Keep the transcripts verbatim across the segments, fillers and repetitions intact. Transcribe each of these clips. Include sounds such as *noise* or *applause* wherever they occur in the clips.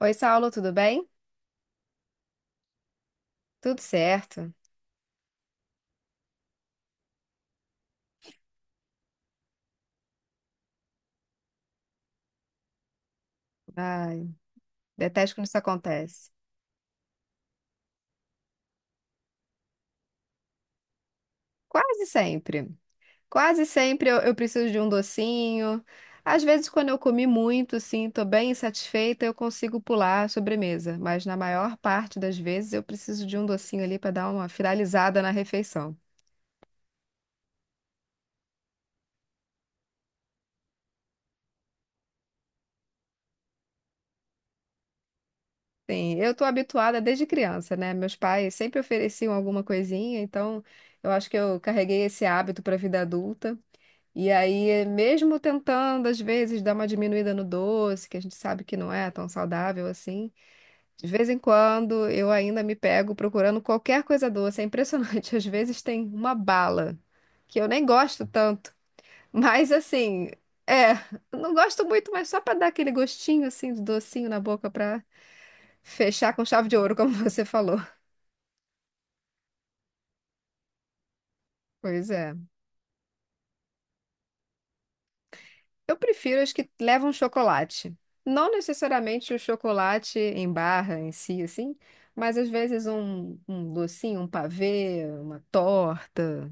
Oi, Saulo, tudo bem? Tudo certo. Ai, detesto quando isso acontece. Quase sempre. Quase sempre eu, eu preciso de um docinho. Às vezes, quando eu comi muito, sim, tô bem insatisfeita, eu consigo pular a sobremesa. Mas na maior parte das vezes eu preciso de um docinho ali para dar uma finalizada na refeição. Sim, eu tô habituada desde criança, né? Meus pais sempre ofereciam alguma coisinha, então eu acho que eu carreguei esse hábito para a vida adulta. E aí, mesmo tentando, às vezes, dar uma diminuída no doce, que a gente sabe que não é tão saudável assim, de vez em quando eu ainda me pego procurando qualquer coisa doce. É impressionante. *laughs* Às vezes tem uma bala, que eu nem gosto tanto, mas assim, é, não gosto muito, mas só para dar aquele gostinho assim, de docinho na boca, para fechar com chave de ouro, como *laughs* você falou. Pois é. Eu prefiro as que levam chocolate. Não necessariamente o chocolate em barra em si, assim, mas às vezes um, um docinho, um pavê, uma torta.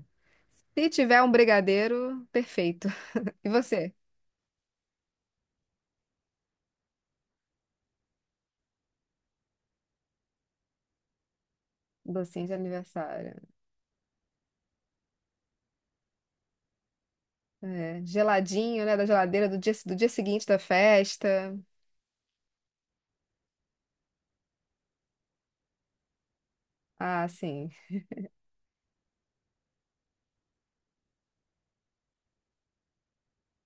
Se tiver um brigadeiro, perfeito. *laughs* E você? Docinho de aniversário. É, geladinho, né? Da geladeira do dia, do dia seguinte da festa. Ah, sim.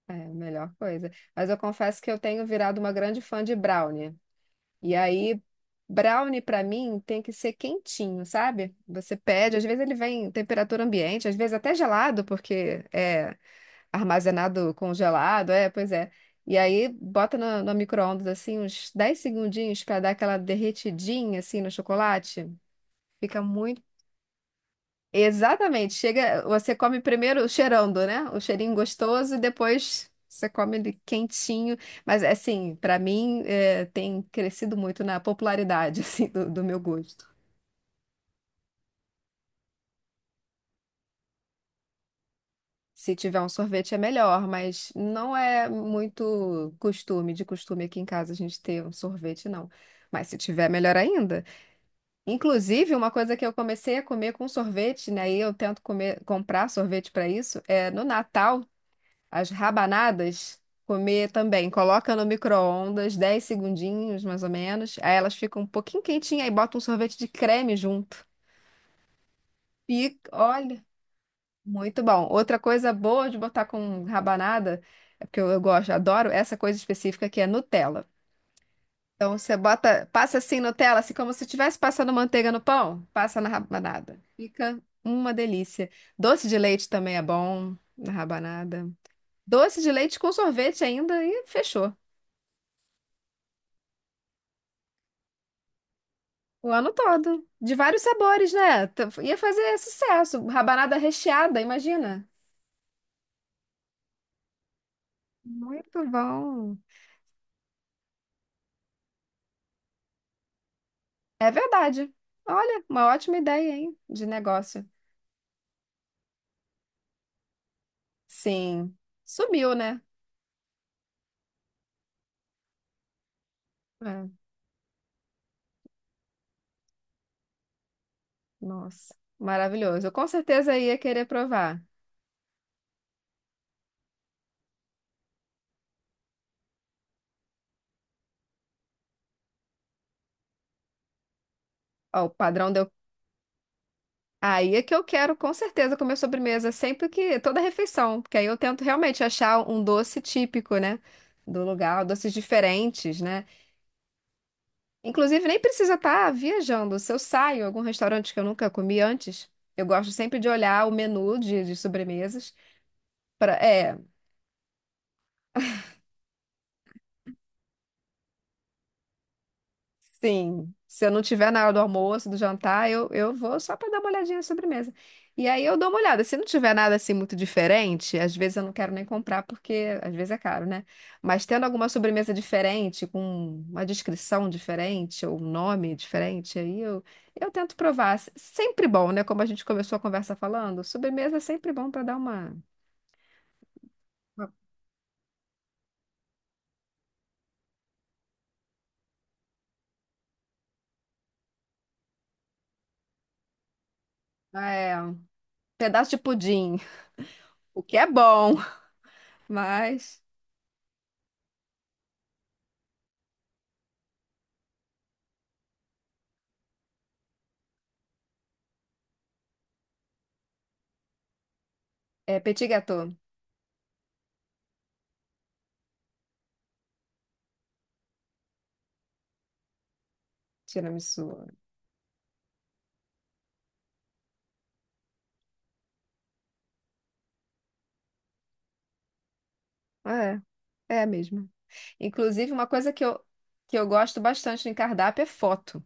É a melhor coisa. Mas eu confesso que eu tenho virado uma grande fã de brownie. E aí, brownie pra mim tem que ser quentinho, sabe? Você pede, às vezes ele vem em temperatura ambiente, às vezes até gelado, porque é armazenado congelado, é, pois é. E aí bota no, no micro-ondas assim uns dez segundinhos pra dar aquela derretidinha assim no chocolate. Fica muito exatamente. Chega, você come primeiro cheirando, né? O cheirinho gostoso e depois você come ele quentinho. Mas assim, pra mim é, tem crescido muito na popularidade *laughs* assim do, do meu gosto. Se tiver um sorvete é melhor, mas não é muito costume, de costume aqui em casa a gente ter um sorvete, não. Mas se tiver, melhor ainda. Inclusive, uma coisa que eu comecei a comer com sorvete, né? E eu tento comer, comprar sorvete para isso, é no Natal. As rabanadas, comer também. Coloca no micro-ondas, dez segundinhos, mais ou menos. Aí elas ficam um pouquinho quentinhas, aí bota um sorvete de creme junto. E olha, muito bom. Outra coisa boa de botar com rabanada, é porque eu, eu gosto, adoro essa coisa específica que é Nutella. Então você bota, passa assim Nutella, assim como se estivesse passando manteiga no pão, passa na rabanada. Fica uma delícia. Doce de leite também é bom na rabanada. Doce de leite com sorvete ainda e fechou. O ano todo. De vários sabores, né? T- Ia fazer sucesso. Rabanada recheada, imagina. Muito bom. É verdade. Olha, uma ótima ideia, hein? De negócio. Sim. Sumiu, né? É. Nossa, maravilhoso. Eu com certeza ia querer provar. Ó, o padrão deu. Aí é que eu quero, com certeza, comer sobremesa sempre que. Toda refeição. Porque aí eu tento realmente achar um doce típico, né? Do lugar, doces diferentes, né? Inclusive, nem precisa estar viajando. Se eu saio em algum restaurante que eu nunca comi antes, eu gosto sempre de olhar o menu de, de sobremesas para, é, sim, se eu não tiver na hora do almoço, do jantar, eu, eu vou só para dar uma olhadinha na sobremesa. E aí eu dou uma olhada. Se não tiver nada assim muito diferente, às vezes eu não quero nem comprar, porque às vezes é caro, né? Mas tendo alguma sobremesa diferente, com uma descrição diferente, ou um nome diferente, aí eu, eu tento provar. S- Sempre bom, né? Como a gente começou a conversa falando, sobremesa é sempre bom para dar uma, uma- é, um pedaço de pudim, *laughs* o que é bom, mas é petit gâteau, tiramisu. É. É mesmo. Inclusive, uma coisa que eu, que eu gosto bastante em cardápio é foto.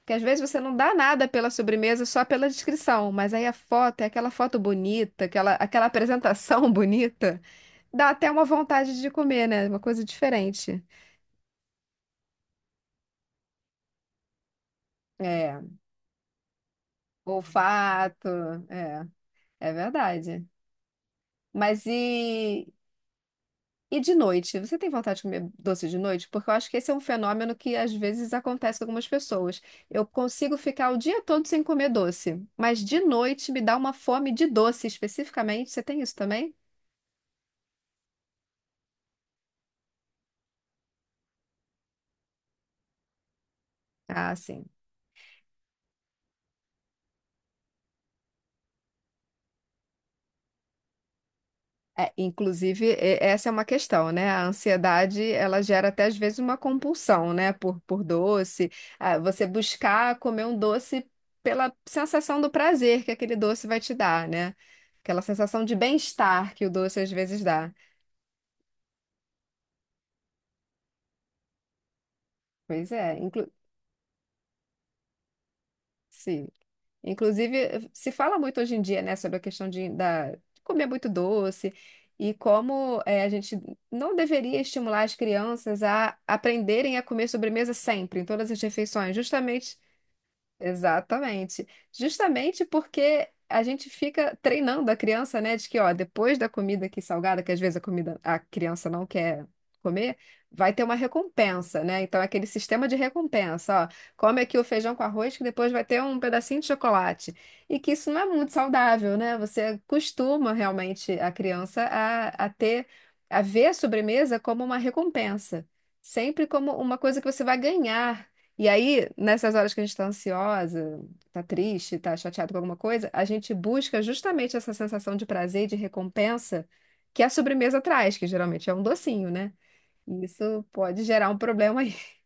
Porque às vezes você não dá nada pela sobremesa só pela descrição, mas aí a foto é aquela foto bonita, aquela, aquela apresentação *laughs* bonita, dá até uma vontade de comer, né? Uma coisa diferente. É, olfato, é, é verdade. Mas e, E de noite, você tem vontade de comer doce de noite? Porque eu acho que esse é um fenômeno que às vezes acontece com algumas pessoas. Eu consigo ficar o dia todo sem comer doce, mas de noite me dá uma fome de doce especificamente. Você tem isso também? Ah, sim. É, inclusive, e- essa é uma questão, né? A ansiedade, ela gera até às vezes uma compulsão, né? Por, por doce. Ah, você buscar comer um doce pela sensação do prazer que aquele doce vai te dar, né? Aquela sensação de bem-estar que o doce às vezes dá. Pois é, inclu sim. Inclusive, se fala muito hoje em dia, né, sobre a questão de, da, de comer muito doce e como eh, a gente não deveria estimular as crianças a aprenderem a comer sobremesa sempre, em todas as refeições, justamente exatamente. Justamente porque a gente fica treinando a criança, né, de que, ó, depois da comida aqui salgada, que às vezes a comida a criança não quer comer, vai ter uma recompensa, né? Então é aquele sistema de recompensa, ó, come aqui o feijão com arroz que depois vai ter um pedacinho de chocolate. E que isso não é muito saudável, né? Você costuma realmente a criança a, a ter a ver a sobremesa como uma recompensa, sempre como uma coisa que você vai ganhar e aí, nessas horas que a gente tá ansiosa, tá triste, tá chateado com alguma coisa, a gente busca justamente essa sensação de prazer e de recompensa que a sobremesa traz, que geralmente é um docinho, né? E isso pode gerar um problema aí. *laughs*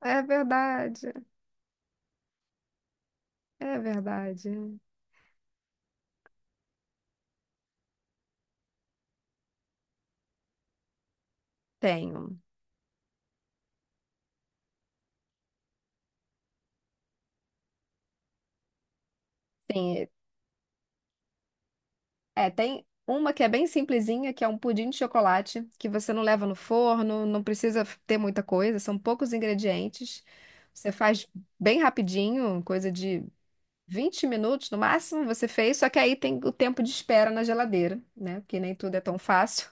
É verdade, é verdade. Tenho. Tem, é, tem uma que é bem simplesinha, que é um pudim de chocolate, que você não leva no forno, não precisa ter muita coisa, são poucos ingredientes. Você faz bem rapidinho, coisa de vinte minutos no máximo você fez, só que aí tem o tempo de espera na geladeira, né? Porque nem tudo é tão fácil.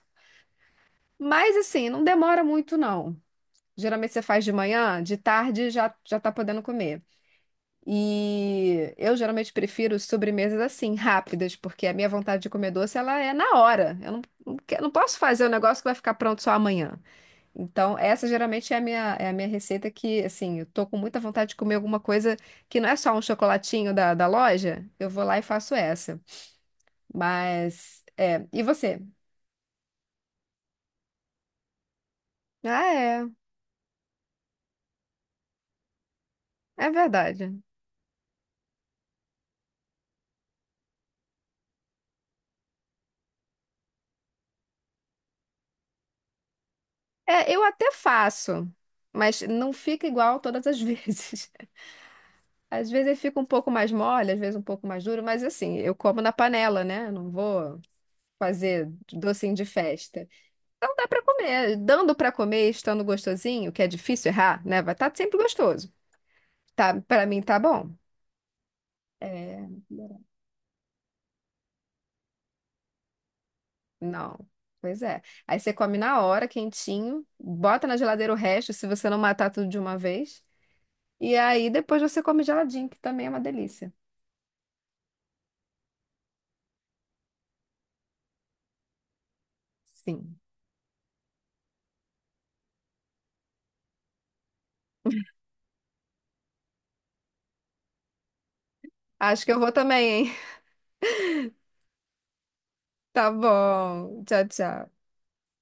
Mas assim, não demora muito não. Geralmente você faz de manhã, de tarde já já tá podendo comer. E eu geralmente prefiro sobremesas assim, rápidas, porque a minha vontade de comer doce ela é na hora. Eu não, não, que- não posso fazer um negócio que vai ficar pronto só amanhã. Então, essa geralmente é a minha, é a minha receita que, assim, eu tô com muita vontade de comer alguma coisa que não é só um chocolatinho da, da loja. Eu vou lá e faço essa. Mas, é. E você? Ah, é. É verdade. É, eu até faço, mas não fica igual todas as *laughs* vezes. Às vezes ele fica um pouco mais mole, às vezes um pouco mais duro, mas assim, eu como na panela, né? Eu não vou fazer docinho de festa. Não dá pra comer. Dando pra comer, estando gostosinho, que é difícil errar, né? Vai estar sempre gostoso. Tá, para mim tá bom. É, não. Pois é. Aí você come na hora, quentinho, bota na geladeira o resto, se você não matar tudo de uma vez. E aí depois você come geladinho, que também é uma delícia. Sim. Acho que eu vou também, hein? *laughs* Tá bom. Tchau, tchau.